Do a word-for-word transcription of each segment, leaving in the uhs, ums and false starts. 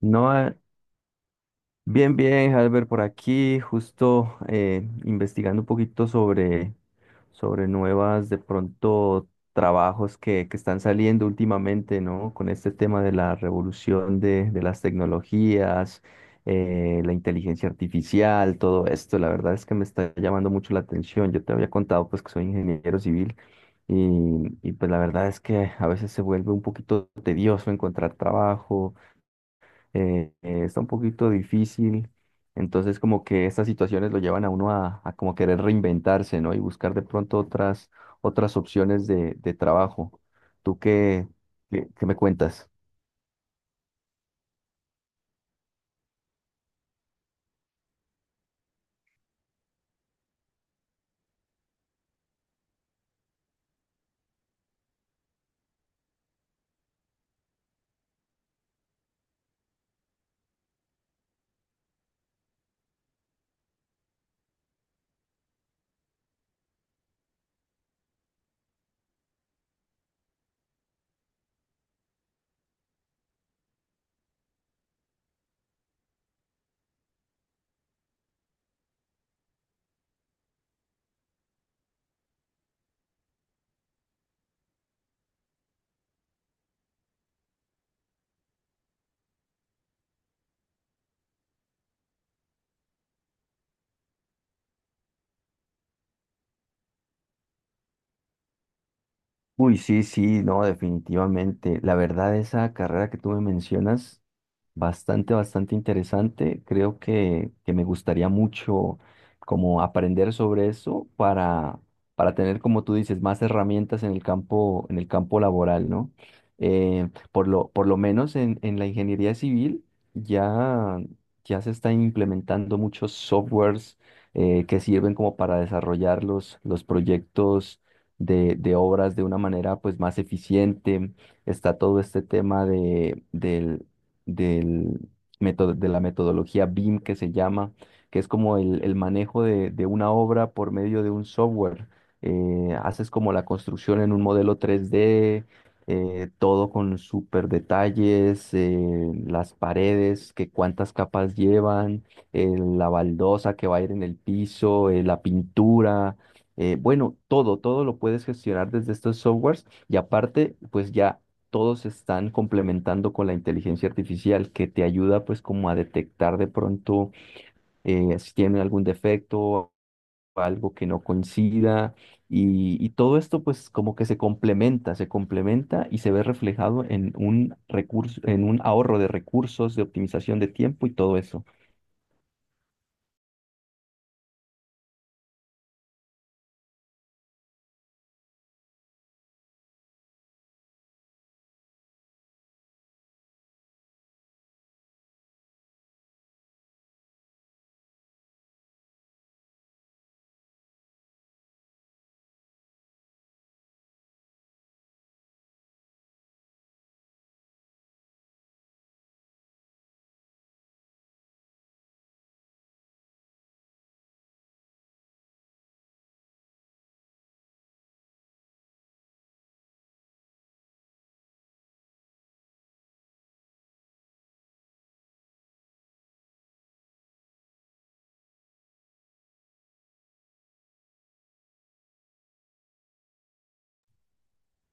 No, eh, bien, bien, Albert, por aquí, justo eh, investigando un poquito sobre, sobre nuevas, de pronto, trabajos que, que están saliendo últimamente, ¿no? Con este tema de la revolución de, de las tecnologías, eh, la inteligencia artificial, todo esto, la verdad es que me está llamando mucho la atención. Yo te había contado, pues, que soy ingeniero civil y, y pues la verdad es que a veces se vuelve un poquito tedioso encontrar trabajo eh, eh, está un poquito difícil. Entonces, como que estas situaciones lo llevan a uno a, a como querer reinventarse, ¿no? Y buscar de pronto otras, otras opciones de, de trabajo. ¿Tú qué, qué, qué me cuentas? Uy, sí, sí, no, definitivamente. La verdad, esa carrera que tú me mencionas, bastante, bastante interesante. Creo que, que me gustaría mucho como aprender sobre eso para, para tener, como tú dices, más herramientas en el campo, en el campo laboral, ¿no? Eh, por lo, por lo menos en, en la ingeniería civil ya, ya se están implementando muchos softwares eh, que sirven como para desarrollar los, los proyectos de, de obras de una manera pues más eficiente. Está todo este tema de, del, del método, de la metodología B I M que se llama, que es como el, el manejo de, de una obra por medio de un software. Eh, haces como la construcción en un modelo tres D, eh, todo con súper detalles, eh, las paredes, que cuántas capas llevan, eh, la baldosa que va a ir en el piso, eh, la pintura, eh, bueno, todo, todo lo puedes gestionar desde estos softwares y aparte, pues ya todos se están complementando con la inteligencia artificial que te ayuda pues como a detectar de pronto, eh, si tienen algún defecto, algo que no coincida y, y todo esto pues como que se complementa, se complementa y se ve reflejado en un recurso, en un ahorro de recursos, de optimización de tiempo y todo eso.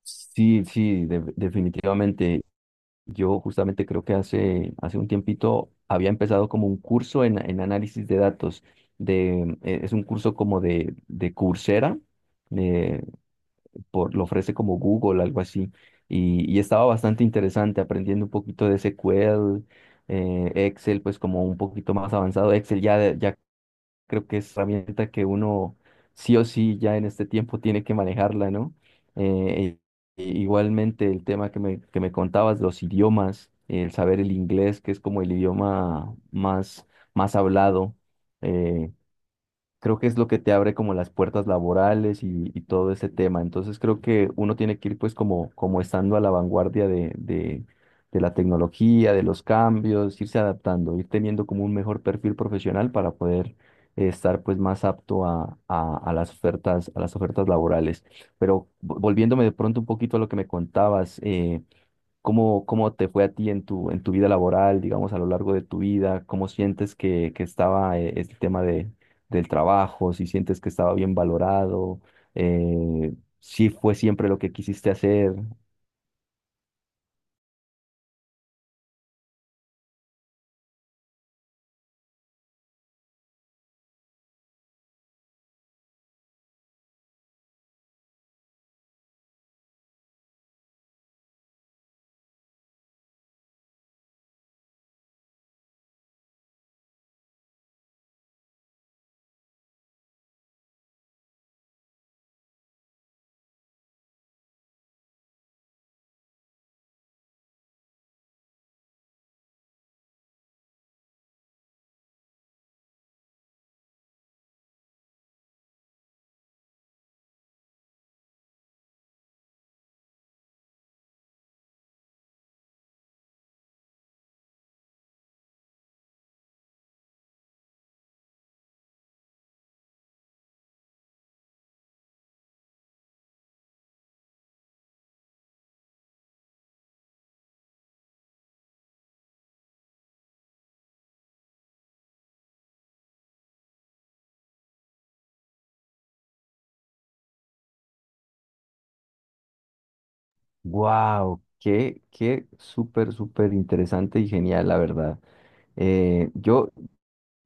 Sí, sí, de- definitivamente. Yo justamente creo que hace, hace un tiempito había empezado como un curso en, en análisis de datos. De, eh, es un curso como de, de Coursera, eh, por, lo ofrece como Google, algo así. Y, y estaba bastante interesante aprendiendo un poquito de S Q L, eh, Excel, pues como un poquito más avanzado. Excel ya, de- ya creo que es herramienta que uno sí o sí ya en este tiempo tiene que manejarla, ¿no? Eh, e- Igualmente el tema que me, que me contabas, los idiomas, el saber el inglés, que es como el idioma más, más hablado. eh, Creo que es lo que te abre como las puertas laborales y, y todo ese tema. Entonces creo que uno tiene que ir pues como, como estando a la vanguardia de, de, de la tecnología, de los cambios, irse adaptando, ir teniendo como un mejor perfil profesional para poder eh, estar pues más apto a, a, a las ofertas, a las ofertas laborales. Pero vo- volviéndome de pronto un poquito a lo que me contabas, eh, ¿Cómo, cómo te fue a ti en tu, en tu vida laboral, digamos, a lo largo de tu vida? ¿Cómo sientes que, que estaba, eh, el tema de, del trabajo? ¿Si sientes que estaba bien valorado? Eh, ¿si fue siempre lo que quisiste hacer? ¡Wow! Qué, qué súper, súper interesante y genial, la verdad. Eh, yo,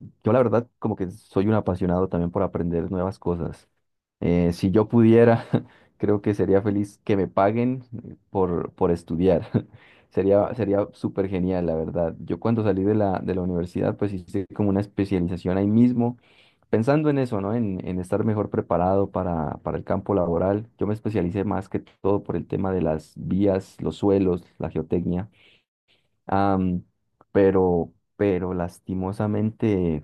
yo, la verdad, como que soy un apasionado también por aprender nuevas cosas. Eh, si yo pudiera, creo que sería feliz que me paguen eh, por, por estudiar. Sería, sería súper genial, la verdad. Yo cuando salí de la, de la universidad, pues hice como una especialización ahí mismo, pensando en eso, ¿no? En, en estar mejor preparado para, para el campo laboral. Yo me especialicé más que todo por el tema de las vías, los suelos, la geotecnia. Am, pero, pero lastimosamente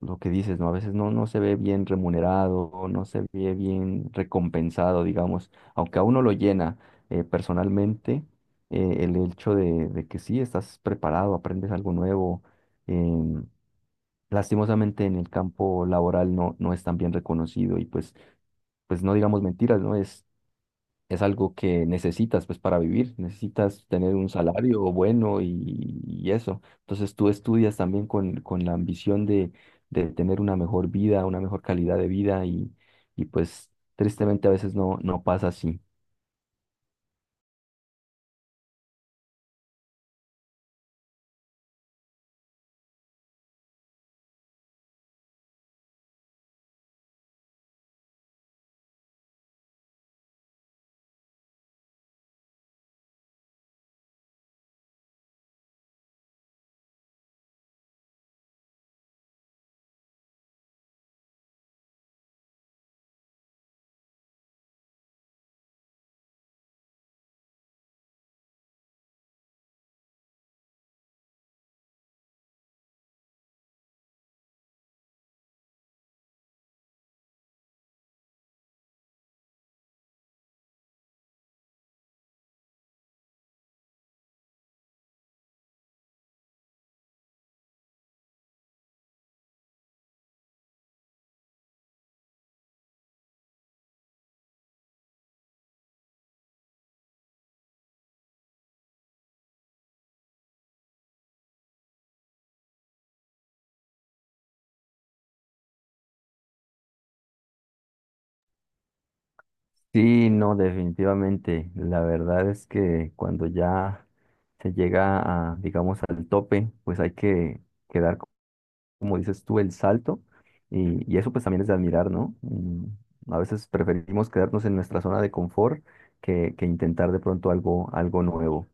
lo que dices, ¿no? A veces no, no se ve bien remunerado, o no se ve bien recompensado, digamos, aunque a uno lo llena, eh, personalmente, eh, el hecho de, de que sí, estás preparado, aprendes algo nuevo. em, Lastimosamente en el campo laboral no, no es tan bien reconocido y pues, pues no digamos mentiras, ¿no? Es algo que necesitas pues para vivir, necesitas tener un salario bueno y, y eso. Entonces tú estudias también con, con la ambición de, de tener una mejor vida, una mejor calidad de vida y, y pues tristemente a veces no, no pasa así. Sí, no, definitivamente. La verdad es que cuando ya se llega a, digamos, al tope, pues hay que quedar como dices tú, el salto. Y, y eso pues también es de admirar, ¿no? Mm, a veces preferimos quedarnos en nuestra zona de confort que, que intentar de pronto algo, algo nuevo.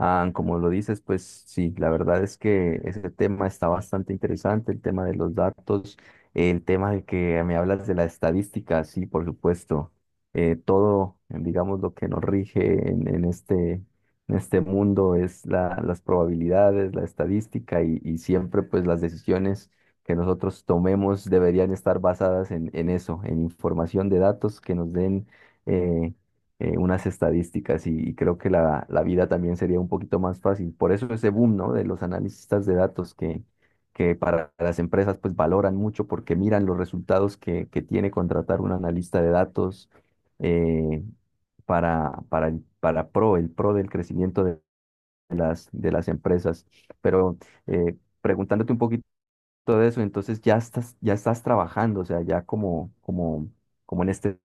Ah, como lo dices, pues sí, la verdad es que ese tema está bastante interesante, el tema de los datos, el tema de que me hablas de la estadística, sí, por supuesto. Eh, todo, digamos, lo que nos rige en, en este... En este mundo es la, las probabilidades, la estadística y, y siempre pues las decisiones que nosotros tomemos deberían estar basadas en, en eso, en información de datos que nos den eh, eh, unas estadísticas y, y creo que la, la vida también sería un poquito más fácil. Por eso ese boom, ¿no?, de los analistas de datos que, que para las empresas pues valoran mucho porque miran los resultados que, que tiene contratar un analista de datos, eh, para, para, el- para pro, el pro del crecimiento de las, de las empresas. Pero eh, preguntándote un poquito todo eso, entonces ya estás, ya estás trabajando, o sea, ya como, como, como en este,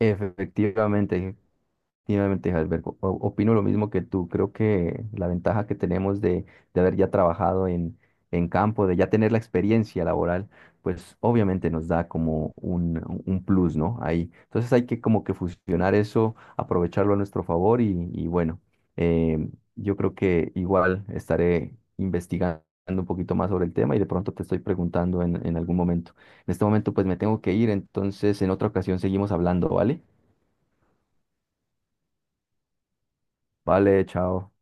efectivamente, tiene una ventaja. O- Opino lo mismo que tú. Creo que la ventaja que tenemos de, de haber ya trabajado en, en campo, de ya tener la experiencia laboral, pues obviamente nos da como un, un plus, ¿no? Ahí. Entonces hay que como que fusionar eso, aprovecharlo a nuestro favor y, y bueno, eh, yo creo que igual estaré investigando un poquito más sobre el tema y de pronto te estoy preguntando en, en algún momento. En este momento pues me tengo que ir, entonces en otra ocasión seguimos hablando, ¿vale? Vale, chao.